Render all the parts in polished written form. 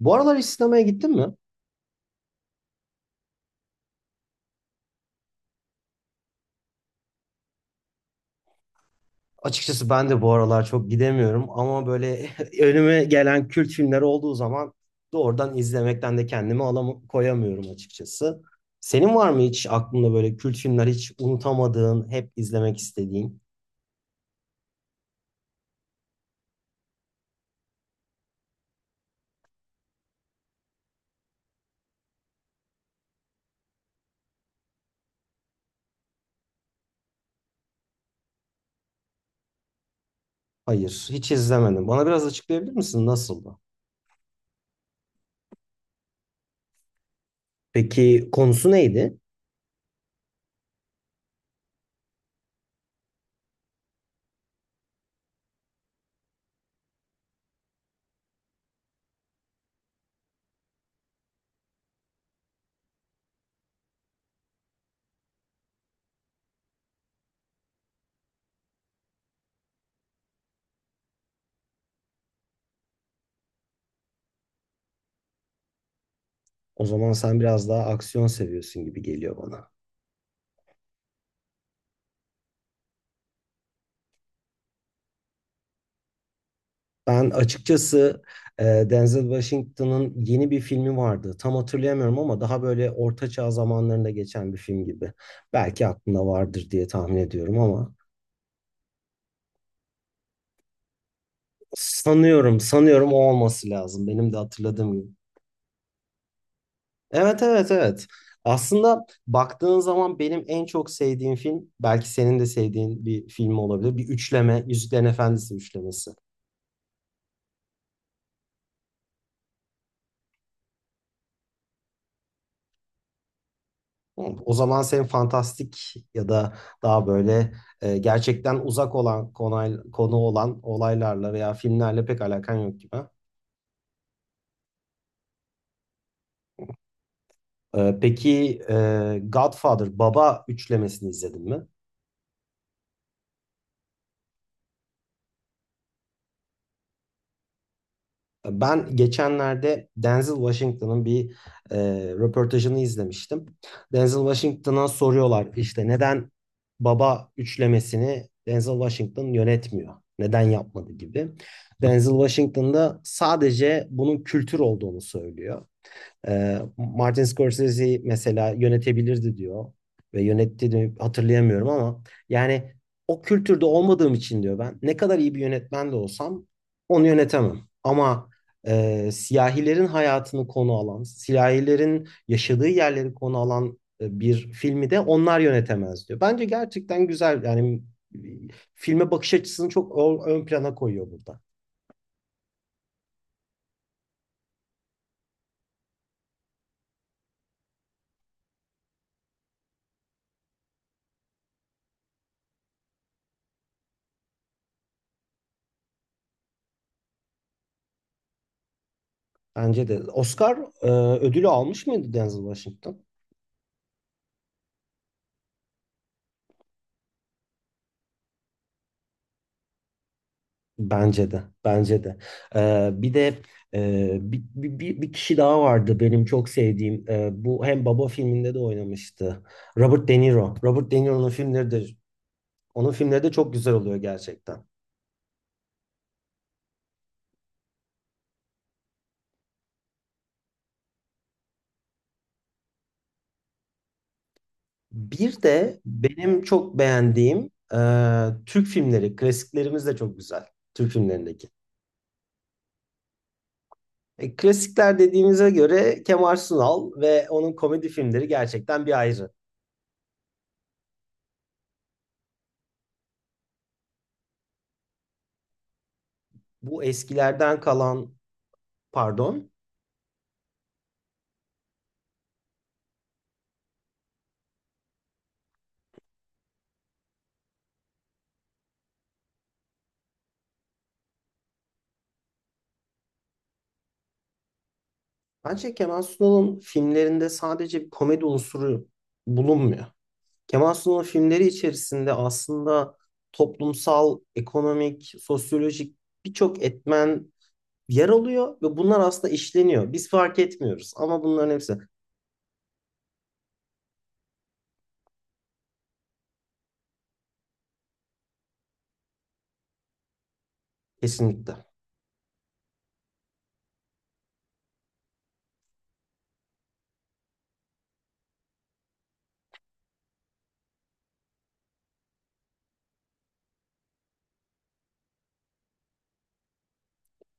Bu aralar hiç sinemaya gittin mi? Açıkçası ben de bu aralar çok gidemiyorum ama böyle önüme gelen kült filmler olduğu zaman doğrudan izlemekten de kendimi alam koyamıyorum açıkçası. Senin var mı hiç aklında böyle kült filmler hiç unutamadığın, hep izlemek istediğin? Hayır, hiç izlemedim. Bana biraz açıklayabilir misin? Nasıldı? Peki konusu neydi? O zaman sen biraz daha aksiyon seviyorsun gibi geliyor bana. Ben açıkçası e, Denzel Washington'ın yeni bir filmi vardı. Tam hatırlayamıyorum ama daha böyle orta çağ zamanlarında geçen bir film gibi. Belki aklında vardır diye tahmin ediyorum ama sanıyorum o olması lazım. Benim de hatırladığım gibi. Evet, evet, evet. Aslında baktığın zaman benim en çok sevdiğim film belki senin de sevdiğin bir film olabilir. Bir üçleme, Yüzüklerin Efendisi üçlemesi. Hı, o zaman senin fantastik ya da daha böyle gerçekten uzak olan konu olan olaylarla veya filmlerle pek alakan yok gibi. Peki Godfather Baba üçlemesini izledin mi? Ben geçenlerde Denzel Washington'ın bir e, röportajını izlemiştim. Denzel Washington'a soruyorlar işte neden Baba üçlemesini Denzel Washington yönetmiyor? Neden yapmadı gibi. Denzel Washington da sadece bunun kültür olduğunu söylüyor. Martin Scorsese mesela yönetebilirdi diyor ve yönetti de hatırlayamıyorum ama yani o kültürde olmadığım için diyor ben ne kadar iyi bir yönetmen de olsam onu yönetemem. Ama siyahilerin hayatını konu alan, siyahilerin yaşadığı yerleri konu alan bir filmi de onlar yönetemez diyor. Bence gerçekten güzel yani e, filme bakış açısını çok ön plana koyuyor burada. Bence de. Oscar ödülü almış mıydı Denzel Washington? Bence de, bence de. Bir de bir kişi daha vardı benim çok sevdiğim. Bu hem Baba filminde de oynamıştı. Robert De Niro. Robert De Niro'nun filmleri de, onun filmleri de çok güzel oluyor gerçekten. Bir de benim çok beğendiğim Türk filmleri, klasiklerimiz de çok güzel. Türk filmlerindeki. Klasikler dediğimize göre Kemal Sunal ve onun komedi filmleri gerçekten bir ayrı. Bu eskilerden kalan, pardon. Bence Kemal Sunal'ın filmlerinde sadece bir komedi unsuru bulunmuyor. Kemal Sunal'ın filmleri içerisinde aslında toplumsal, ekonomik, sosyolojik birçok etmen yer alıyor ve bunlar aslında işleniyor. Biz fark etmiyoruz ama bunların hepsi kesinlikle.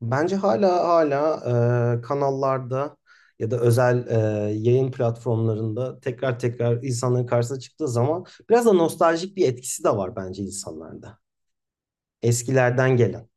Bence hala kanallarda ya da özel yayın platformlarında tekrar tekrar insanların karşısına çıktığı zaman biraz da nostaljik bir etkisi de var bence insanlarda. Eskilerden gelen.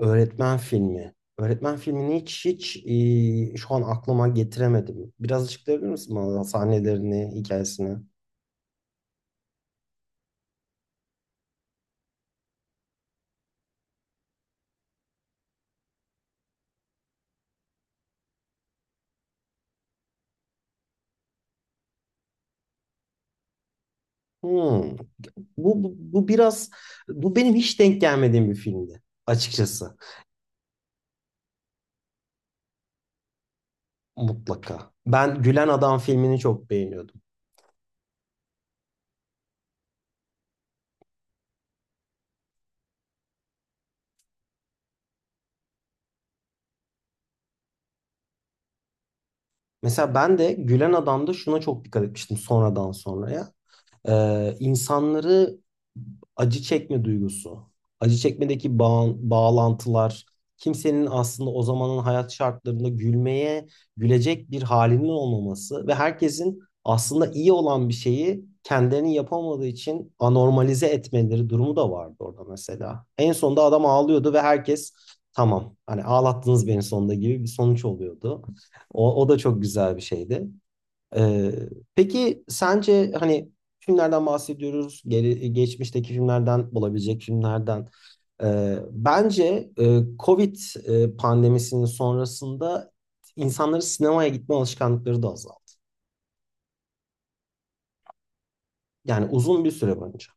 Öğretmen filmi. Öğretmen filmini hiç şu an aklıma getiremedim. Biraz açıklayabilir misin bana sahnelerini, hikayesini? Hmm. Bu biraz bu benim hiç denk gelmediğim bir filmdi açıkçası. Mutlaka. Ben Gülen Adam filmini çok beğeniyordum. Mesela ben de Gülen Adam'da şuna çok dikkat etmiştim sonradan sonraya. İnsanları acı çekme duygusu, acı çekmedeki bağlantılar, kimsenin aslında o zamanın hayat şartlarında gülmeye, gülecek bir halinin olmaması ve herkesin aslında iyi olan bir şeyi kendilerinin yapamadığı için anormalize etmeleri durumu da vardı orada mesela. En sonunda adam ağlıyordu ve herkes tamam hani ağlattınız beni sonunda gibi bir sonuç oluyordu. O da çok güzel bir şeydi. Ee, peki sence hani filmlerden bahsediyoruz, geçmişteki filmlerden, olabilecek filmlerden. Bence Covid pandemisinin sonrasında insanların sinemaya gitme alışkanlıkları da azaldı. Yani uzun bir süre boyunca.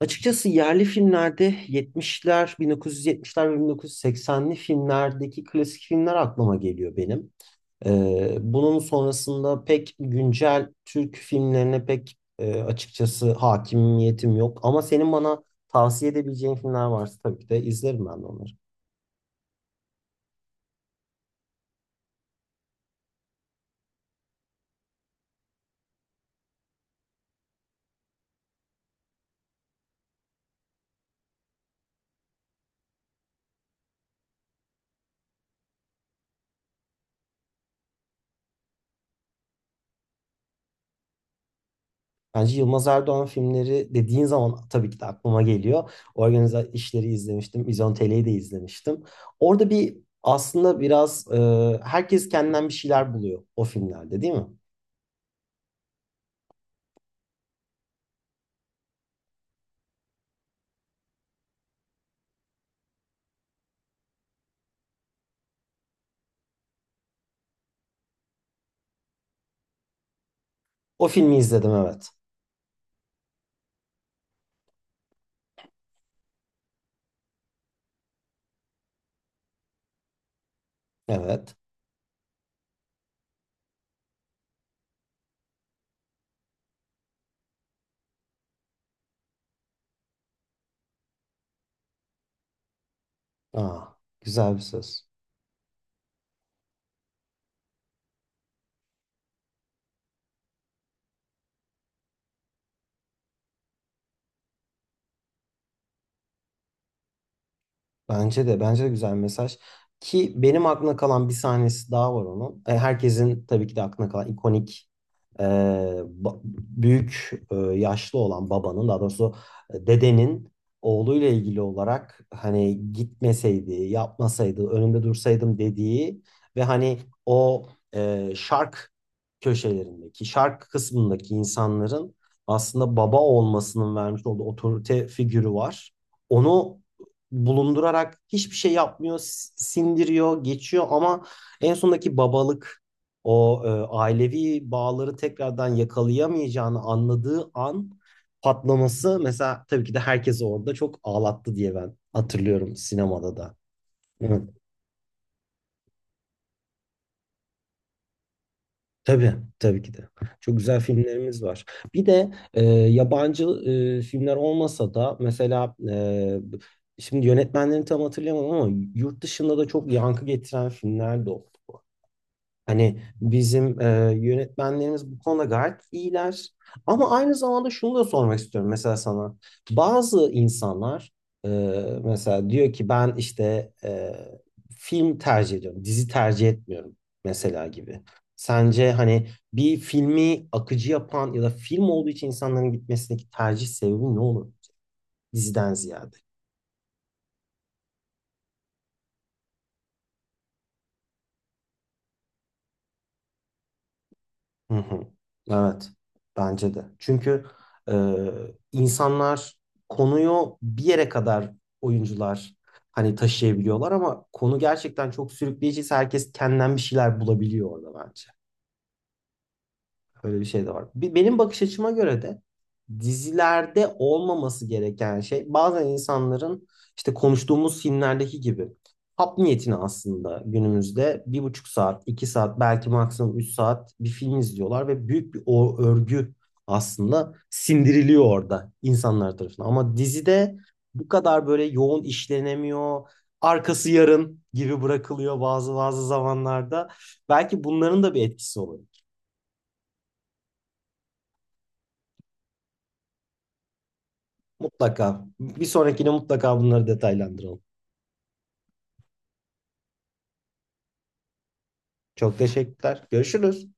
Açıkçası yerli filmlerde 70'ler, 1970'ler ve 1980'li filmlerdeki klasik filmler aklıma geliyor benim. Bunun sonrasında pek güncel Türk filmlerine pek açıkçası hakimiyetim yok. Ama senin bana tavsiye edebileceğin filmler varsa tabii ki de izlerim ben de onları. Bence Yılmaz Erdoğan filmleri dediğin zaman tabii ki de aklıma geliyor. Organize işleri izlemiştim. İzontele'yi de izlemiştim. Orada bir aslında biraz herkes kendinden bir şeyler buluyor o filmlerde değil mi? O filmi izledim evet. Evet. Aa, güzel bir söz. Bence de bence de güzel mesaj. Ki benim aklımda kalan bir sahnesi daha var onun. Herkesin tabii ki de aklına kalan ikonik e, büyük yaşlı olan babanın daha doğrusu dedenin oğluyla ilgili olarak hani gitmeseydi, yapmasaydı, önünde dursaydım dediği ve hani o şark köşelerindeki, şark kısmındaki insanların aslında baba olmasının vermiş olduğu otorite figürü var. Onu bulundurarak hiçbir şey yapmıyor, sindiriyor, geçiyor ama en sondaki babalık o ailevi bağları tekrardan yakalayamayacağını anladığı an patlaması mesela tabii ki de herkes orada çok ağlattı diye ben hatırlıyorum sinemada da. Evet, tabii tabii ki de. Çok güzel filmlerimiz var. Bir de yabancı filmler olmasa da mesela şimdi yönetmenlerini tam hatırlayamadım ama yurt dışında da çok yankı getiren filmler de oldu. Hani bizim yönetmenlerimiz bu konuda gayet iyiler. Ama aynı zamanda şunu da sormak istiyorum mesela sana. Bazı insanlar e, mesela diyor ki ben işte film tercih ediyorum, dizi tercih etmiyorum mesela gibi. Sence hani bir filmi akıcı yapan ya da film olduğu için insanların gitmesindeki tercih sebebi ne olur diziden ziyade? Hı hı. Evet, bence de. Çünkü e, insanlar konuyu bir yere kadar oyuncular hani taşıyabiliyorlar ama konu gerçekten çok sürükleyiciyse herkes kendinden bir şeyler bulabiliyor orada bence. Öyle bir şey de var. Benim bakış açıma göre de dizilerde olmaması gereken şey bazen insanların işte konuştuğumuz filmlerdeki gibi hap niyetine aslında günümüzde 1,5 saat, 2 saat belki maksimum 3 saat bir film izliyorlar ve büyük bir o örgü aslında sindiriliyor orada insanlar tarafından. Ama dizide bu kadar böyle yoğun işlenemiyor. Arkası yarın gibi bırakılıyor bazı bazı zamanlarda. Belki bunların da bir etkisi olur. Mutlaka. Bir sonrakine mutlaka bunları detaylandıralım. Çok teşekkürler. Görüşürüz.